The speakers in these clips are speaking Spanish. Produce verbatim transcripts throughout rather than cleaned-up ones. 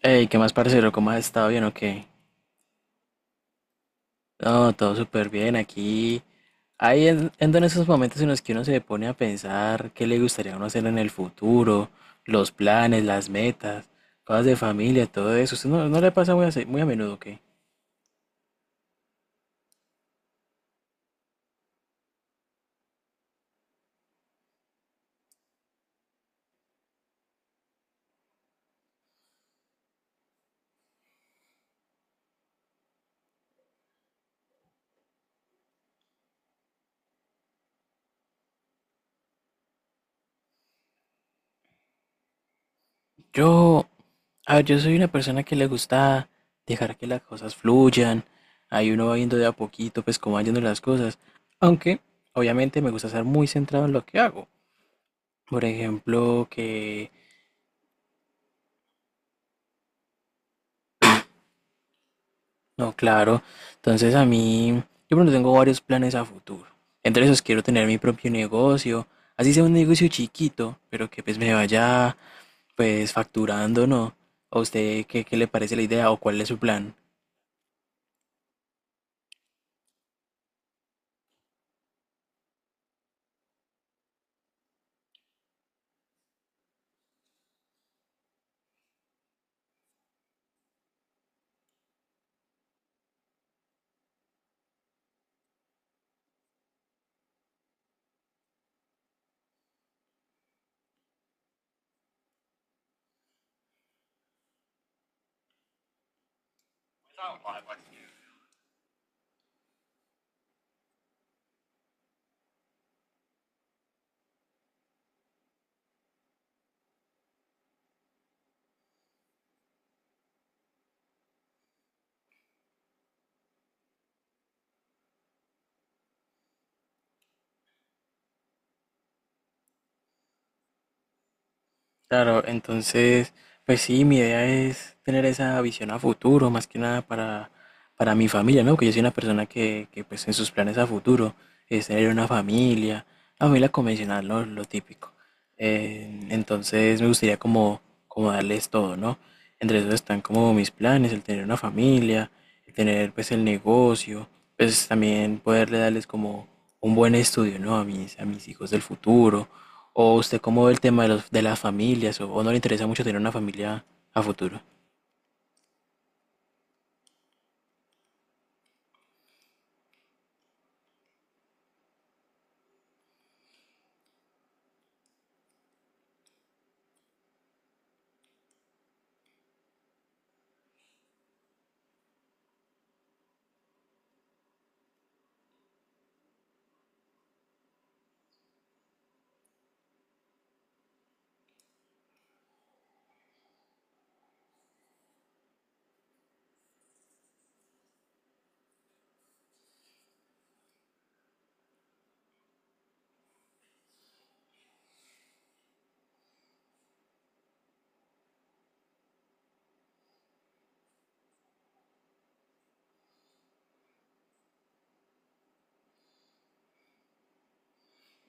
Ey, ¿qué más, parcero? ¿Cómo has estado? ¿Bien o qué? No, todo súper bien. Aquí, ahí en- ando en esos momentos en los que uno se pone a pensar qué le gustaría a uno hacer en el futuro, los planes, las metas, cosas de familia, todo eso. ¿Usted no, no le pasa muy a, se- muy a menudo, qué? Yo, a ver, yo soy una persona que le gusta dejar que las cosas fluyan. Ahí uno va viendo de a poquito, pues, cómo van yendo las cosas. Aunque, obviamente, me gusta estar muy centrado en lo que hago. Por ejemplo, que No, claro. Entonces a mí, yo pronto tengo varios planes a futuro. Entre esos quiero tener mi propio negocio, así sea un negocio chiquito, pero que pues me vaya pues facturando, ¿no? ¿A usted qué, qué le parece la idea o cuál es su plan? Claro, entonces, pues sí, mi idea es tener esa visión a futuro, más que nada para, para mi familia, ¿no? Que yo soy una persona que, que pues en sus planes a futuro es tener una familia, una familia convencional, ¿no? Lo típico. Eh, entonces me gustaría como, como darles todo, ¿no? Entre esos están como mis planes, el tener una familia, el tener pues el negocio, pues también poderle darles como un buen estudio, ¿no? A mis, a mis hijos del futuro. ¿O usted cómo ve el tema de los, de las familias? ¿O, o no le interesa mucho tener una familia a futuro?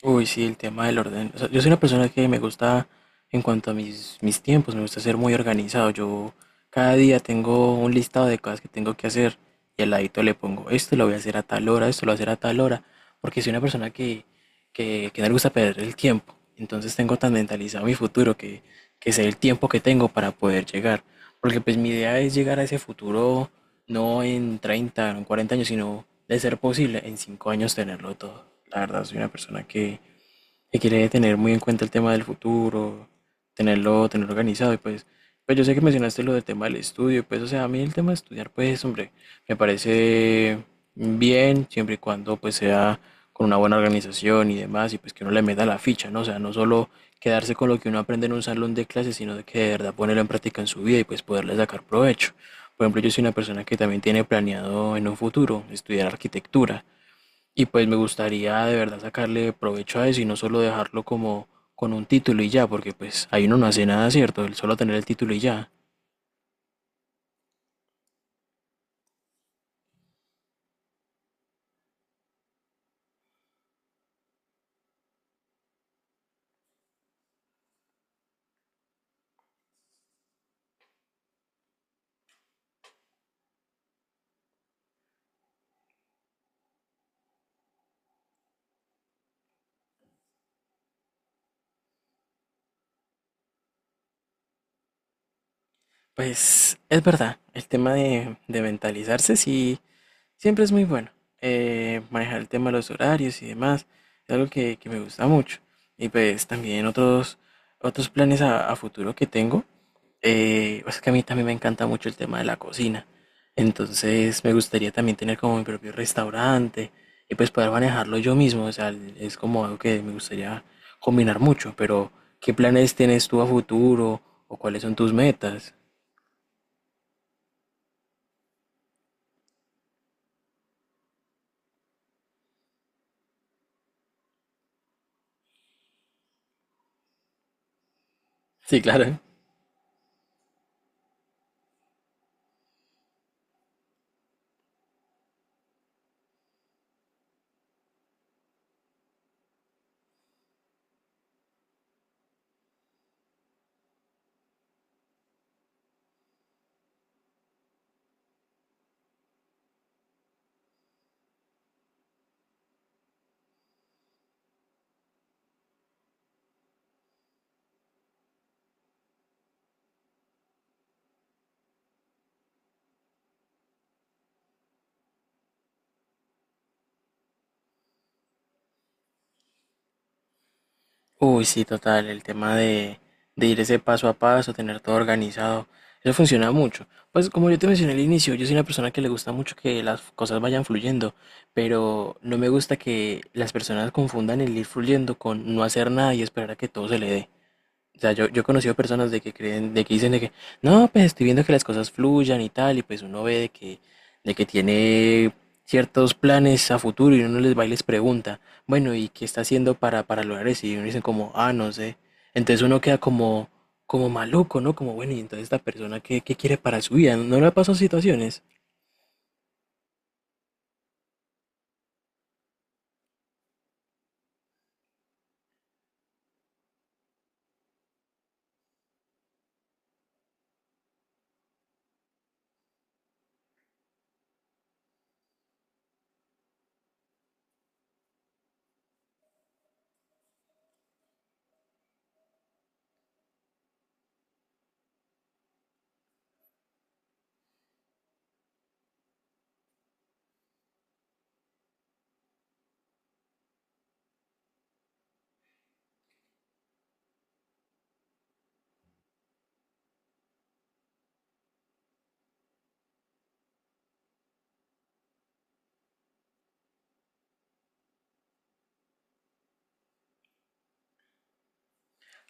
Uy, sí, el tema del orden. O sea, yo soy una persona que me gusta, en cuanto a mis, mis tiempos, me gusta ser muy organizado. Yo cada día tengo un listado de cosas que tengo que hacer y al ladito le pongo, esto lo voy a hacer a tal hora, esto lo voy a hacer a tal hora, porque soy una persona que, que, que no le gusta perder el tiempo. Entonces tengo tan mentalizado mi futuro que, que sé el tiempo que tengo para poder llegar. Porque pues mi idea es llegar a ese futuro no en treinta no en cuarenta años, sino de ser posible en cinco años tenerlo todo. La verdad, soy una persona que que quiere tener muy en cuenta el tema del futuro, tenerlo, tenerlo organizado y pues, pues yo sé que mencionaste lo del tema del estudio, pues o sea, a mí el tema de estudiar pues hombre, me parece bien siempre y cuando pues sea con una buena organización y demás y pues que uno le meta la ficha, ¿no? O sea, no solo quedarse con lo que uno aprende en un salón de clases, sino de que de verdad ponerlo en práctica en su vida y pues poderle sacar provecho. Por ejemplo, yo soy una persona que también tiene planeado en un futuro estudiar arquitectura. Y pues me gustaría de verdad sacarle provecho a eso y no solo dejarlo como con un título y ya, porque pues ahí uno no hace nada, ¿cierto? El solo tener el título y ya. Pues es verdad, el tema de, de mentalizarse sí, siempre es muy bueno. Eh, manejar el tema de los horarios y demás, es algo que, que me gusta mucho. Y pues también otros, otros planes a, a futuro que tengo. Eh, pues que a mí también me encanta mucho el tema de la cocina. Entonces me gustaría también tener como mi propio restaurante y pues poder manejarlo yo mismo. O sea, es como algo que me gustaría combinar mucho. Pero, ¿qué planes tienes tú a futuro o cuáles son tus metas? Sí, claro. Uy, sí, total, el tema de, de ir ese paso a paso, tener todo organizado, eso funciona mucho. Pues como yo te mencioné al inicio, yo soy una persona que le gusta mucho que las cosas vayan fluyendo, pero no me gusta que las personas confundan el ir fluyendo con no hacer nada y esperar a que todo se le dé. O sea, yo, yo he conocido personas de que creen, de que dicen de que, no, pues estoy viendo que las cosas fluyan y tal, y pues uno ve de que, de que tiene ciertos planes a futuro y uno les va y les pregunta, bueno, ¿y qué está haciendo para, para lograr eso? Y uno dicen como, ah, no sé. Entonces uno queda como, como maluco, ¿no? Como, bueno, y entonces esta persona, ¿qué, qué quiere para su vida? ¿No le ha pasado situaciones?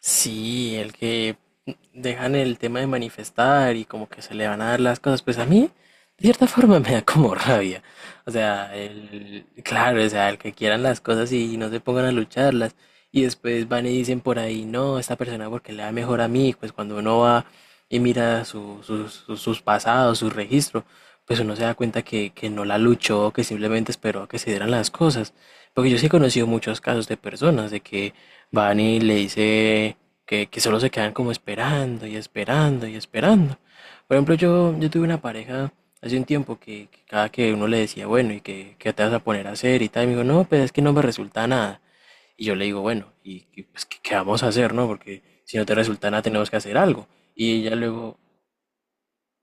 Sí, el que dejan el tema de manifestar y como que se le van a dar las cosas, pues a mí de cierta forma me da como rabia. O sea, el, claro, o sea, el que quieran las cosas y no se pongan a lucharlas y después van y dicen por ahí, no, esta persona porque le da mejor a mí, pues cuando uno va y mira su- sus sus- sus pasados, su registro, pues uno se da cuenta que, que no la luchó, que simplemente esperó a que se dieran las cosas. Porque yo sí he conocido muchos casos de personas de que van y le dice que, que solo se quedan como esperando y esperando y esperando. Por ejemplo, yo, yo tuve una pareja hace un tiempo que, que cada que uno le decía, bueno, ¿y qué, qué te vas a poner a hacer? Y tal, y me dijo, no, pues es que no me resulta nada. Y yo le digo, bueno, ¿y y, pues, qué, qué vamos a hacer, no? Porque si no te resulta nada, tenemos que hacer algo. Y ella luego,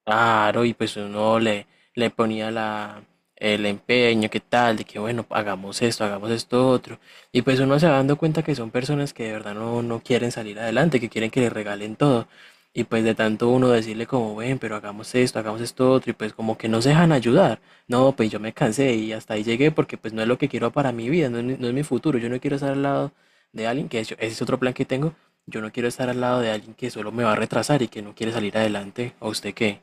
claro, y pues uno le, le ponía la, el empeño, qué tal, de que bueno, hagamos esto, hagamos esto otro. Y pues uno se va dando cuenta que son personas que de verdad no, no quieren salir adelante, que quieren que le regalen todo. Y pues de tanto uno decirle como, ven, pero hagamos esto, hagamos esto otro, y pues como que no se dejan ayudar. No, pues yo me cansé y hasta ahí llegué porque pues no es lo que quiero para mi vida, no es, mi- no es mi futuro. Yo no quiero estar al lado de alguien, que eso- ese es otro plan que tengo. Yo no quiero estar al lado de alguien que solo me va a retrasar y que no quiere salir adelante. ¿A usted qué?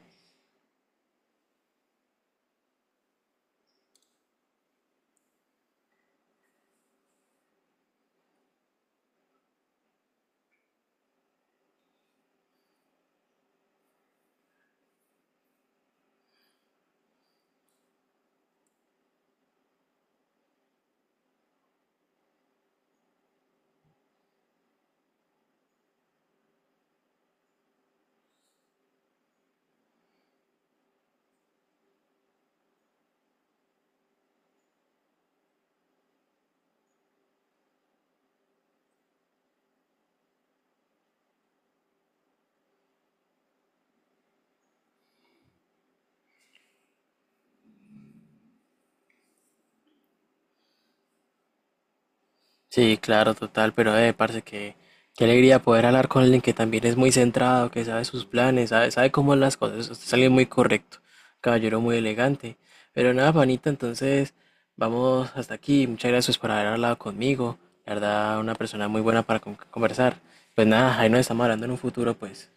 Sí, claro, total, pero eh, parce, que qué alegría poder hablar con alguien que también es muy centrado, que sabe sus planes, sabe, sabe cómo son las cosas. Usted es alguien muy correcto, caballero muy elegante. Pero nada, panita, entonces vamos hasta aquí. Muchas gracias por haber hablado conmigo. La verdad, una persona muy buena para con- conversar. Pues nada, ahí nos estamos hablando en un futuro, pues.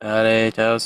Dale, chao.